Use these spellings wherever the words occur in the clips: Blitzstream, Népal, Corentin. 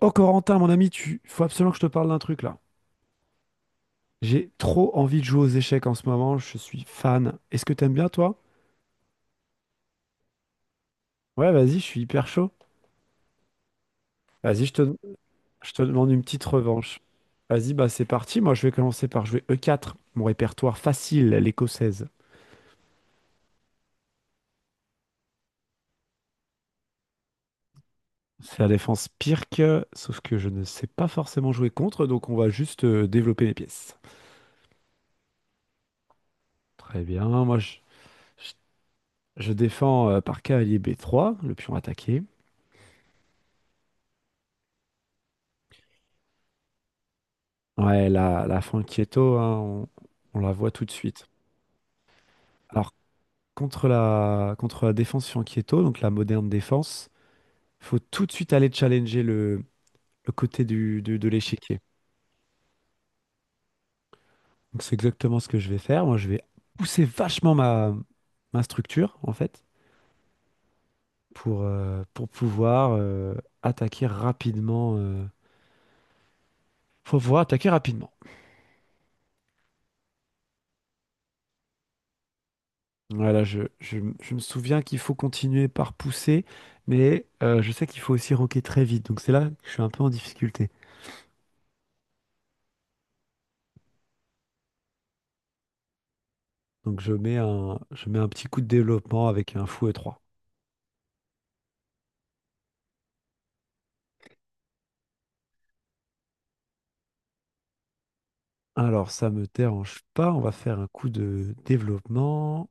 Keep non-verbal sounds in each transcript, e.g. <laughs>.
Oh Corentin, mon ami, tu faut absolument que je te parle d'un truc là. J'ai trop envie de jouer aux échecs en ce moment, je suis fan. Est-ce que t'aimes bien toi? Ouais, vas-y, je suis hyper chaud. Vas-y, je te demande une petite revanche. Vas-y, bah c'est parti, moi je vais commencer par jouer E4, mon répertoire facile, l'écossaise. C'est la défense pire que, sauf que je ne sais pas forcément jouer contre, donc on va juste développer les pièces. Très bien, je- je défends par cavalier B3, le pion attaqué. Ouais, la fin hein, on la voit tout de suite. Alors, contre la défense sur donc la moderne défense, faut tout de suite aller challenger le côté de l'échiquier. Donc, c'est exactement ce que je vais faire. Moi, je vais pousser vachement ma structure, en fait, pour pouvoir attaquer rapidement. Faut pouvoir attaquer rapidement. Voilà, je me souviens qu'il faut continuer par pousser, mais je sais qu'il faut aussi rocker très vite. Donc c'est là que je suis un peu en difficulté. Donc je mets un petit coup de développement avec un fouet 3. Alors ça me dérange pas, on va faire un coup de développement.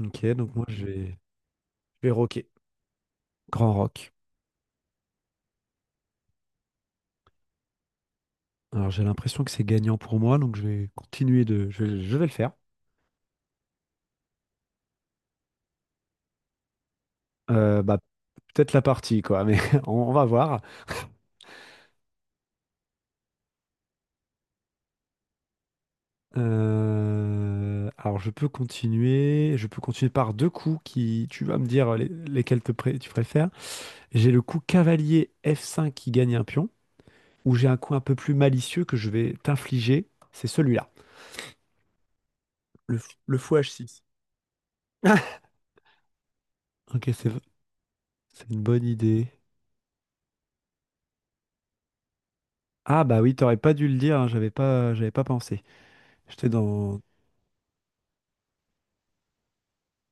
Ok, donc je vais rocker. Grand rock. Alors j'ai l'impression que c'est gagnant pour moi, donc je vais continuer de. Je vais le faire. Bah, peut-être la partie, quoi, mais <laughs> on va voir. Alors je peux continuer par deux coups qui, tu vas me dire tu préfères. J'ai le coup cavalier F5 qui gagne un pion, ou j'ai un coup un peu plus malicieux que je vais t'infliger, c'est celui-là, le fou H6. <laughs> Ok, c'est une bonne idée. Ah bah oui, t'aurais pas dû le dire, hein, j'avais pas pensé. J'étais dans...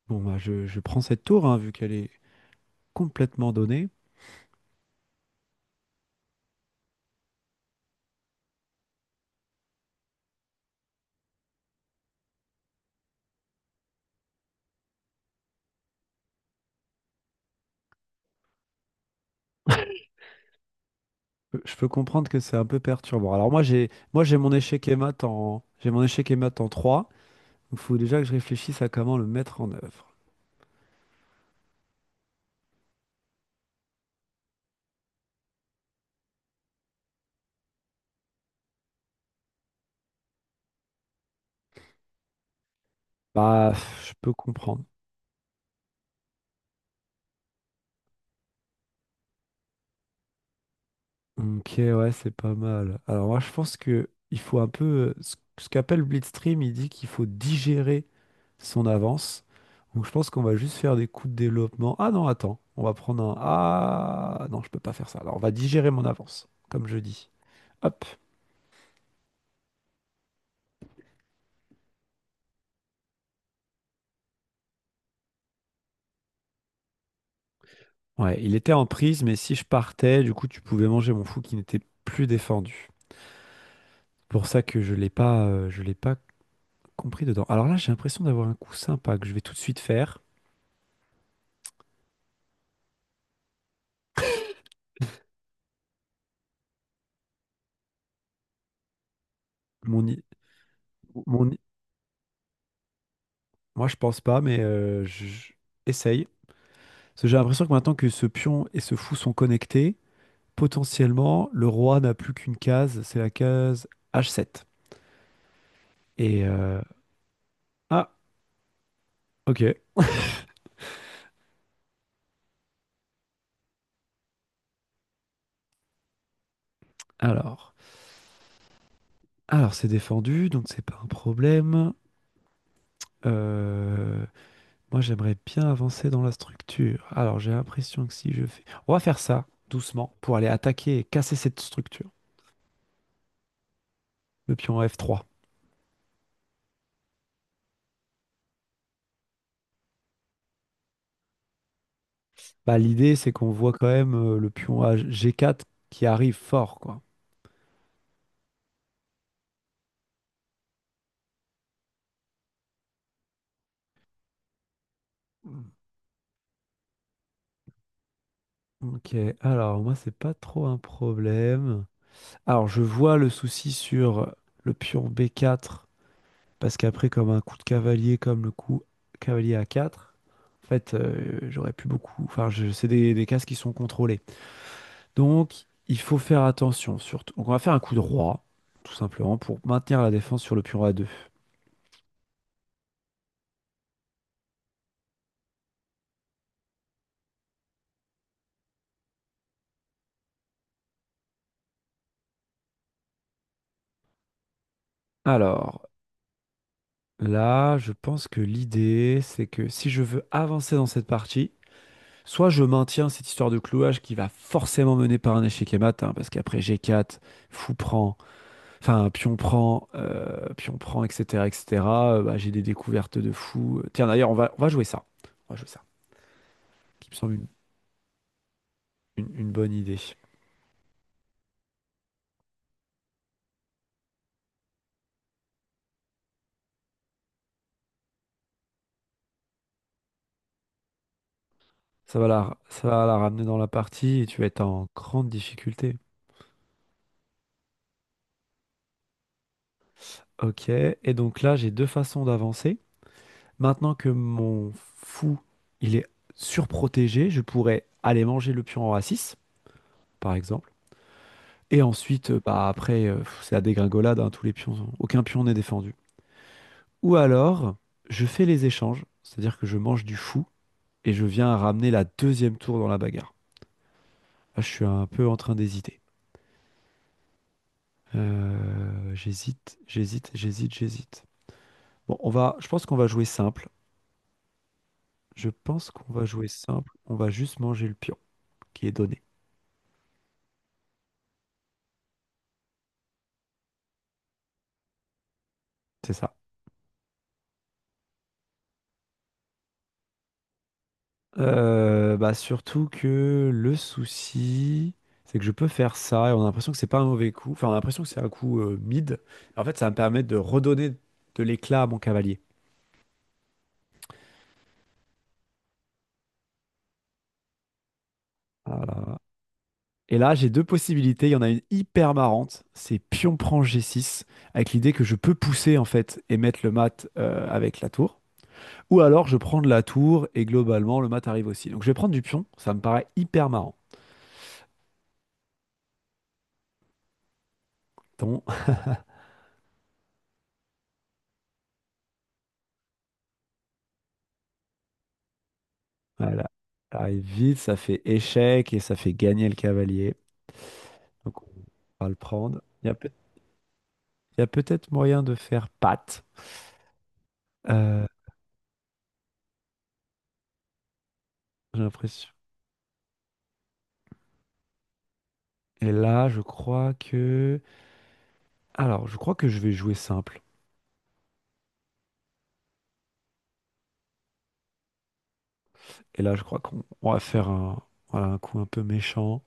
Bon bah je prends cette tour, hein, vu qu'elle est complètement donnée. Je peux comprendre que c'est un peu perturbant. Alors moi j'ai mon échec et mat en j'ai mon échec et mat en 3. Il faut déjà que je réfléchisse à comment le mettre en œuvre. Bah je peux comprendre. Ok ouais c'est pas mal. Alors moi je pense que il faut un peu ce qu'appelle Blitzstream, il dit qu'il faut digérer son avance. Donc je pense qu'on va juste faire des coups de développement. Ah non attends, on va prendre un ah non je peux pas faire ça. Alors on va digérer mon avance comme je dis. Hop. Ouais, il était en prise, mais si je partais, du coup, tu pouvais manger mon fou qui n'était plus défendu. Pour ça que je l'ai pas, compris dedans. Alors là, j'ai l'impression d'avoir un coup sympa que je vais tout de suite faire. Mon, i- mon, i- Moi, je pense pas, mais essaye. Parce que j'ai l'impression que maintenant que ce pion et ce fou sont connectés, potentiellement, le roi n'a plus qu'une case, c'est la case H7. Et ah, ok. Alors, alors c'est défendu, donc c'est pas un problème. Euh, Moi, j'aimerais bien avancer dans la structure. Alors, j'ai l'impression que si je fais... On va faire ça doucement pour aller attaquer et casser cette structure, le pion F3. Bah, l'idée, c'est qu'on voit quand même le pion G4 qui arrive fort, quoi. Ok, alors moi, c'est pas trop un problème. Alors, je vois le souci sur le pion B4, parce qu'après, comme un coup de cavalier, comme le coup cavalier A4, en fait, j'aurais pu beaucoup... Enfin, des cases qui sont contrôlées. Donc, il faut faire attention surtout. Donc, on va faire un coup de roi, tout simplement, pour maintenir la défense sur le pion a2. Alors, là, je pense que l'idée, c'est que si je veux avancer dans cette partie, soit je maintiens cette histoire de clouage qui va forcément mener par un échec et mat, hein, parce qu'après G4, fou prend, enfin, pion prend, etc., etc., bah, j'ai des découvertes de fou. Tiens, d'ailleurs, on va jouer ça. On va jouer ça, qui me semble une bonne idée. Ça va la ramener dans la partie et tu vas être en grande difficulté. Ok, et donc là, j'ai deux façons d'avancer. Maintenant que mon fou, il est surprotégé, je pourrais aller manger le pion en a6, par exemple. Et ensuite, bah après, pff, c'est la dégringolade, hein, tous les pions, sont- aucun pion n'est défendu. Ou alors, je fais les échanges, c'est-à-dire que je mange du fou et je viens à ramener la deuxième tour dans la bagarre. Là, je suis un peu en train d'hésiter. J'hésite. Bon, je pense qu'on va jouer simple. Je pense qu'on va jouer simple. On va juste manger le pion qui est donné. C'est ça. Bah surtout que le souci, c'est que je peux faire ça et on a l'impression que c'est pas un mauvais coup. Enfin, on a l'impression que c'est un coup mid. En fait, ça va me permet de redonner de l'éclat à mon cavalier. Voilà. Et là, j'ai deux possibilités. Il y en a une hyper marrante, c'est pion prend G6, avec l'idée que je peux pousser en fait et mettre le mat avec la tour. Ou alors je prends de la tour et globalement le mat arrive aussi. Donc je vais prendre du pion, ça me paraît hyper marrant. Ton, <laughs> voilà. Ça arrive vite, ça fait échec et ça fait gagner le cavalier. Donc on va le prendre. Il y a peut-être moyen de faire patte. Euh, j'ai l'impression. Et là, je crois que. Alors, je crois que je vais jouer simple. Et là, je crois qu'on on va faire un, voilà, un coup un peu méchant.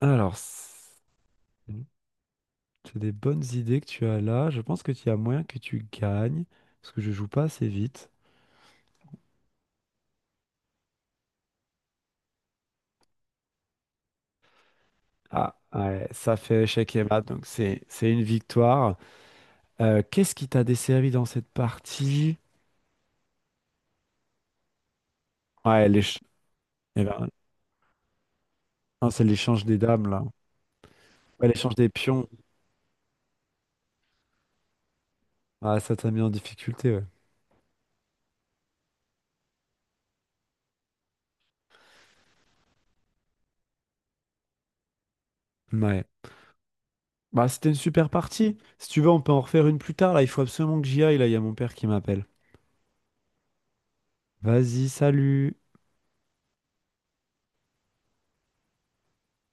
Alors, c'est des bonnes idées que tu as là. Je pense que tu as moyen que tu gagnes, parce que je joue pas assez vite. Ah, ouais, ça fait échec et mat, donc c'est une victoire. Qu'est-ce qui t'a desservi dans cette partie? Ouais, eh ben, non, c'est l'échange des dames, là. Ouais, l'échange des pions. Ah, ça t'a mis en difficulté, ouais. Ouais. Bah, c'était une super partie. Si tu veux, on peut en refaire une plus tard, là. Il faut absolument que j'y aille, là. Il y a mon père qui m'appelle. Vas-y, salut!